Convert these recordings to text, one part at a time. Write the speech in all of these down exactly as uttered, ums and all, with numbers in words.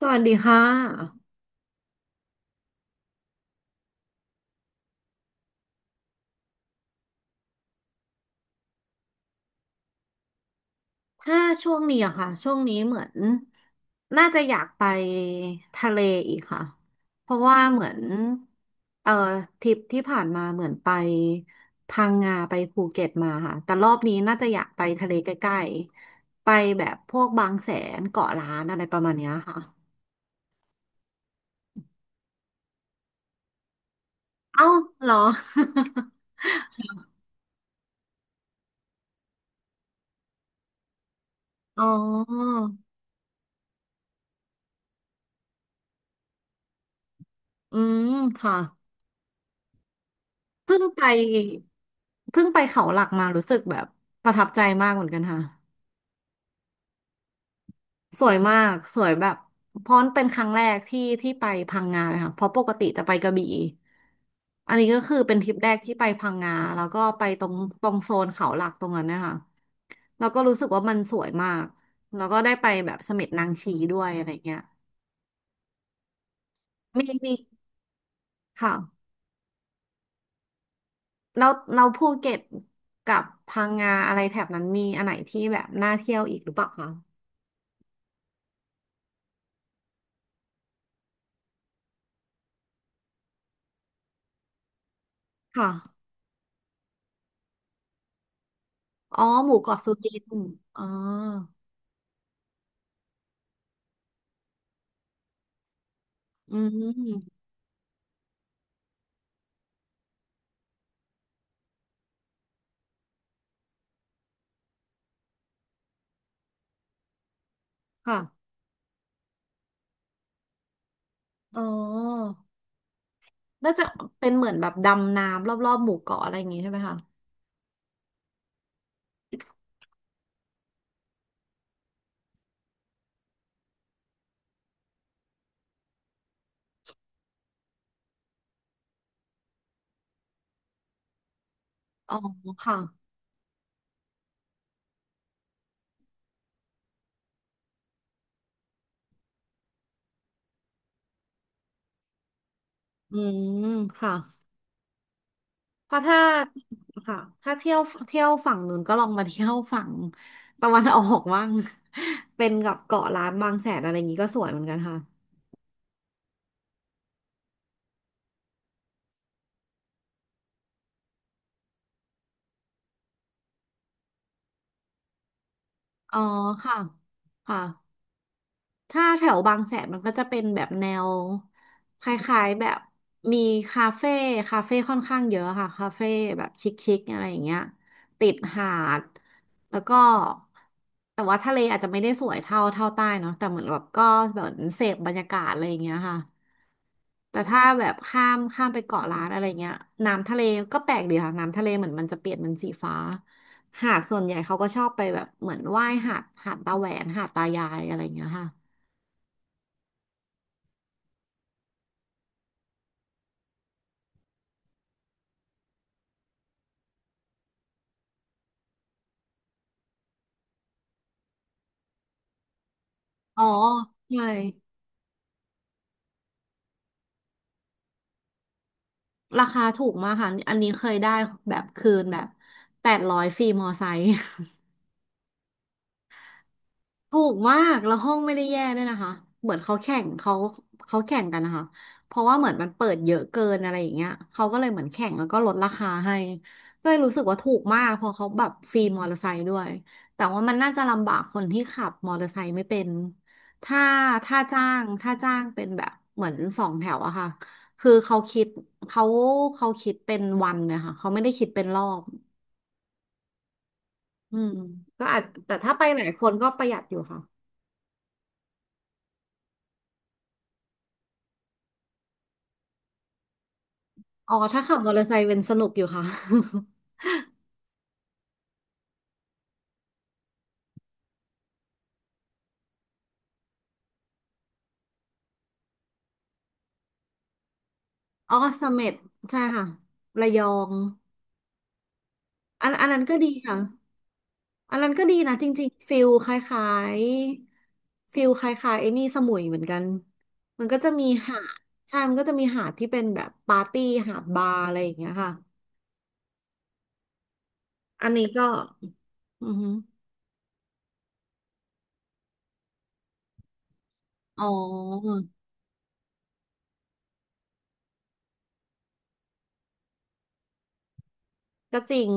สวัสดีค่ะถ้าช่วงนี้อะค่ะช่วงนี้เหมือนน่าจะอยากไปทะเลอีกค่ะเพราะว่าเหมือนเอ่อทริปที่ผ่านมาเหมือนไปพังงาไปภูเก็ตมาค่ะแต่รอบนี้น่าจะอยากไปทะเลใกล้ๆไปแบบพวกบางแสนเกาะล้านอะไรประมาณเนี้ยค่ะเอ้าเหรอ อ๋ออืมค่ะเพิ่งไปเพิ่งไปเขาหลักมารู้สึกแบบประทับใจมากเหมือนกันค่ะ สวยมากสวยแบบเพราะเป็นครั้งแรกที่ที่ไปพังงาเลยค่ะเพราะปกติจะไปกระบี่อันนี้ก็คือเป็นทริปแรกที่ไปพังงาแล้วก็ไปตรงตรงโซนเขาหลักตรงนั้นเนะคะแล้วก็รู้สึกว่ามันสวยมากแล้วก็ได้ไปแบบเสม็ดนางชีด้วยอะไรเงี้ยมีมีค่ะเราเราภูเก็ตกับพังงาอะไรแถบนั้นมีอันไหนที่แบบน่าเที่ยวอีกหรือเปล่าคะค่ะอ๋อหมู่เกาะสุกินอ๋ออืมค่ะอ๋อ น่าจะเป็นเหมือนแบบดำน้ำรอบๆหมู่เกาะอะไรอย่างงี้ใช่ไหมคะ อ๋อค่ะ อืมค่ะเพราะถ้าค่ะถ้าเที่ยวเที่ยวฝั่งนู้นก็ลองมาเที่ยวฝั่ง ตะวันออกบ้าง เป็นกับเกาะล้านบางแสนอะไรอย่างงี้ก็สวยเหมือนกันค่ะอ๋อค่ะค่ะ ถ้าแถวบางแสนมันก็จะเป็นแบบแนวคล้ายๆแบบมีคาเฟ่คาเฟ่ค่อนข้างเยอะค่ะคาเฟ่แบบชิคๆอะไรอย่างเงี้ยติดหาดแล้วก็แต่ว่าทะเลอาจจะไม่ได้สวยเท่าเท่าใต้เนาะแต่เหมือนแบบก็แบบเสพบรรยากาศอะไรอย่างเงี้ยค่ะแต่ถ้าแบบข้ามข้ามไปเกาะล้านอะไรเงี้ยน้ำทะเลก็แปลกดีค่ะน้ำทะเลเหมือนมันจะเปลี่ยนเป็นสีฟ้าหาดส่วนใหญ่เขาก็ชอบไปแบบเหมือนว่ายหาดหาดตาแหวนหาดตายายอะไรเงี้ยค่ะ อ๋อใช่ราคาถูกมากค่ะอันนี้เคยได้แบบคืนแบบแปดร้อยฟรีมอไซค์ ถูกมากแล้วห้องไม่ได้แย่ด้วยนะคะ เหมือนเขาแข่งเขาเขาแข่งกันนะคะ เพราะว่าเหมือนมันเปิดเยอะเกินอะไรอย่างเงี้ยเขาก็เลยเหมือนแข่งแล้วก็ลดราคาให้ก็เลยรู้สึกว่าถูกมากเพราะเขาแบบฟรีมอเตอร์ไซค์ด้วยแต่ว่ามันน่าจะลำบากคนที่ขับมอเตอร์ไซค์ไม่เป็นถ้าถ้าจ้างถ้าจ้างเป็นแบบเหมือนสองแถวอะค่ะคือเขาคิดเขาเขาคิดเป็นวันเนี่ยค่ะเขาไม่ได้คิดเป็นรอบอืมก็อาจแต่ถ้าไปหลายคนก็ประหยัดอยู่ค่ะ อ๋อถ้าขับมอเตอร์ไซค์เป็นสนุกอยู่ค่ะ อ๋อเสม็ดใช่ค่ะระยองอันอันนั้นก็ดีค่ะอันนั้นก็ดีนะจริงๆฟิลคล้ายๆฟิลคล้ายๆไอ้นี่สมุยเหมือนกันมันก็จะมีหาดใช่มันก็จะมีหาดที่เป็นแบบปาร์ตี้หาดบาร์อะไรอย่างเงี้ยค่ะอันนี้ก็อือฮึอ๋อก็จริง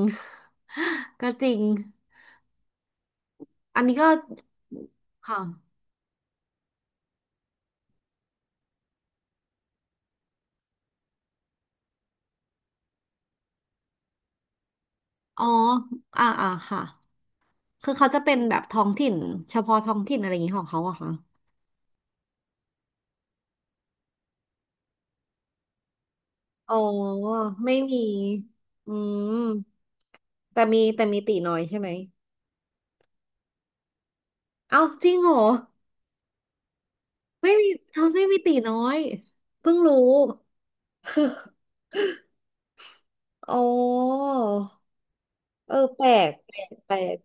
ก็จริงอันนี้ก็ค่ะอ๋ออ่าอ่าค่ะ คือเขาจะเป็นแบบท้องถิ่นเฉพาะท้องถิ่นอะไรอย่างนี้ของเขาอะคะอ๋อไม่มีอืมแต่มีแต่มีตีน้อยใช่ไหมเอ้าจริงเหรอไม่มีเขาไม่มีตีน้อยเพิ่งรู้ อ๋อเออแปลกแปลกแปลก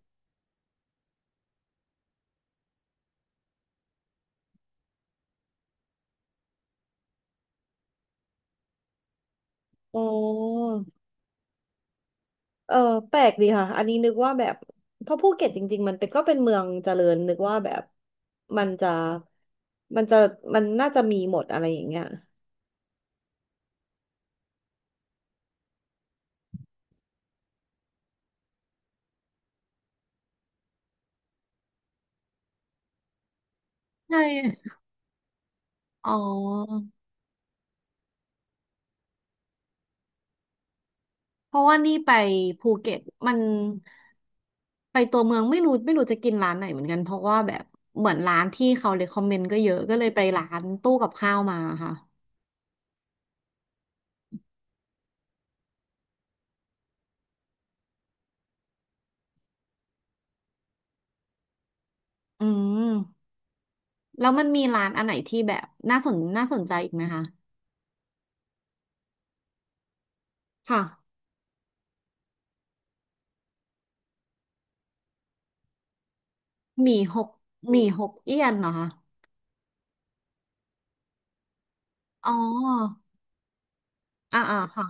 อ๋อเออแปลกดีค่ะอันนี้นึกว่าแบบเพราะภูเก็ตจริงๆมันเป็นก็เป็นเมืองเจริญนึกว่าแบบมันจะมันจะมันน่าจะมีหมดอะไรอย่างเงี้ยใช่ อ๋อเพราะว่านี่ไปภูเก็ตมันไปตัวเมืองไม่รู้ไม่รู้จะกินร้านไหนเหมือนกันเพราะว่าแบบเหมือนร้านที่เขาเ e คคอมเมนต์ก็เยอะก็เลยไปร้านตู้กับข้าวมาค่ะอืมแล้วมันมีร้านอันไหนที่แบบน่าสนน่าสนใจอีกไหมคะค่ะหมี่หกหมี่หกเอี้ยนเหรอคะอ๋ออ่าอ่าค่ะ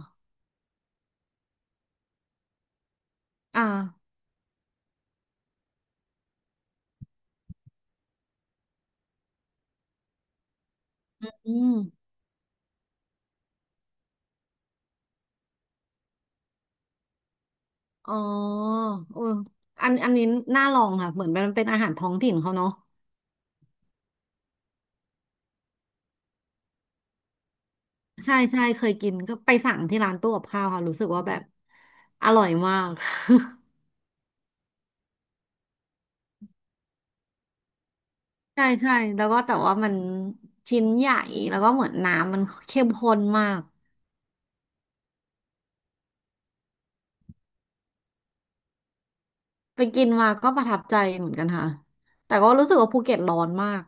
อ่าอืมอ๋อเอออันอันนี้น่าลองค่ะเหมือนมันเป็นอาหารท้องถิ่นเขาเนาะ ใช่ใช่เคยกินก็ไปสั่งที่ร้านตู้กับข้าวค่ะรู้สึกว่าแบบอร่อยมาก ใช่ใช่แล้วก็แต่ว่ามันชิ้นใหญ่แล้วก็เหมือนน้ำมันเข้มข้นมากไปกินมาก็ประทับใจเหมือนกันค่ะแต่ก็รู้สึกว่าภูเก็ตร้อนมาก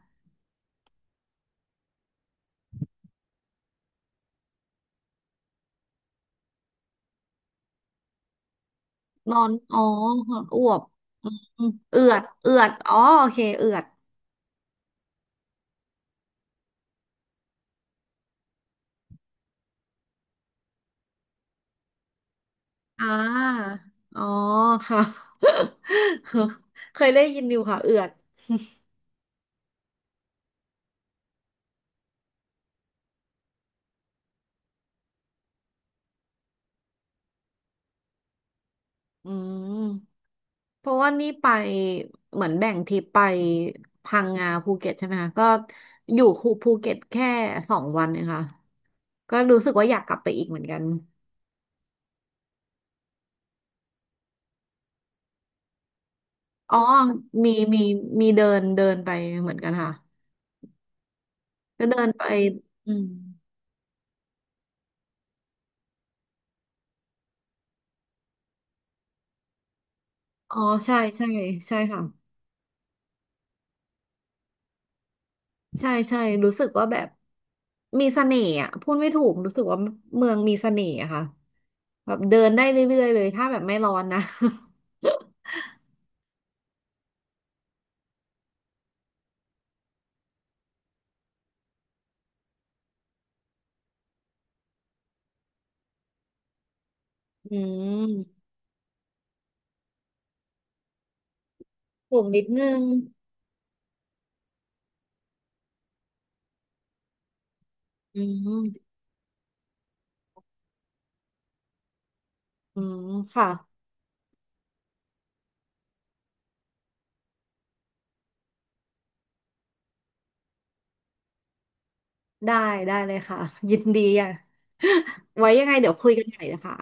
ร้อนอ๋อออวบอืมเอือดเอือดอ๋อโอเคเอือดอ่าอ๋อค่ะ เคยได้ยินอยู่ค่ะเอือดอืม เพราะว่านี่ไปเหมือนแบ่งทริปไปพังงาภูเก็ตใช่ไหมคะก็อยู่คูภูเก็ตแค่สองวันเองค่ะก็รู้สึกว่าอยากกลับไปอีกเหมือนกันอ๋อมีมีมีเดินเดินไปเหมือนกันค่ะก็เดินไปอืมอ๋อใช่ใช่ใช่ค่ะใช่ใช่รู้สึกว่าแบบมีเสน่ห์อ่ะพูดไม่ถูกรู้สึกว่าเมืองมีเสน่ห์อะค่ะแบบเดินได้เรื่อยๆเลยถ้าแบบไม่ร้อนนะ อืมสูงนิดนึงอืม อืมค่ะได้ได้เลยค่ะ ยินดีอ่ะ ไว้ยังไงเดี๋ยวคุยกันใหม่นะคะ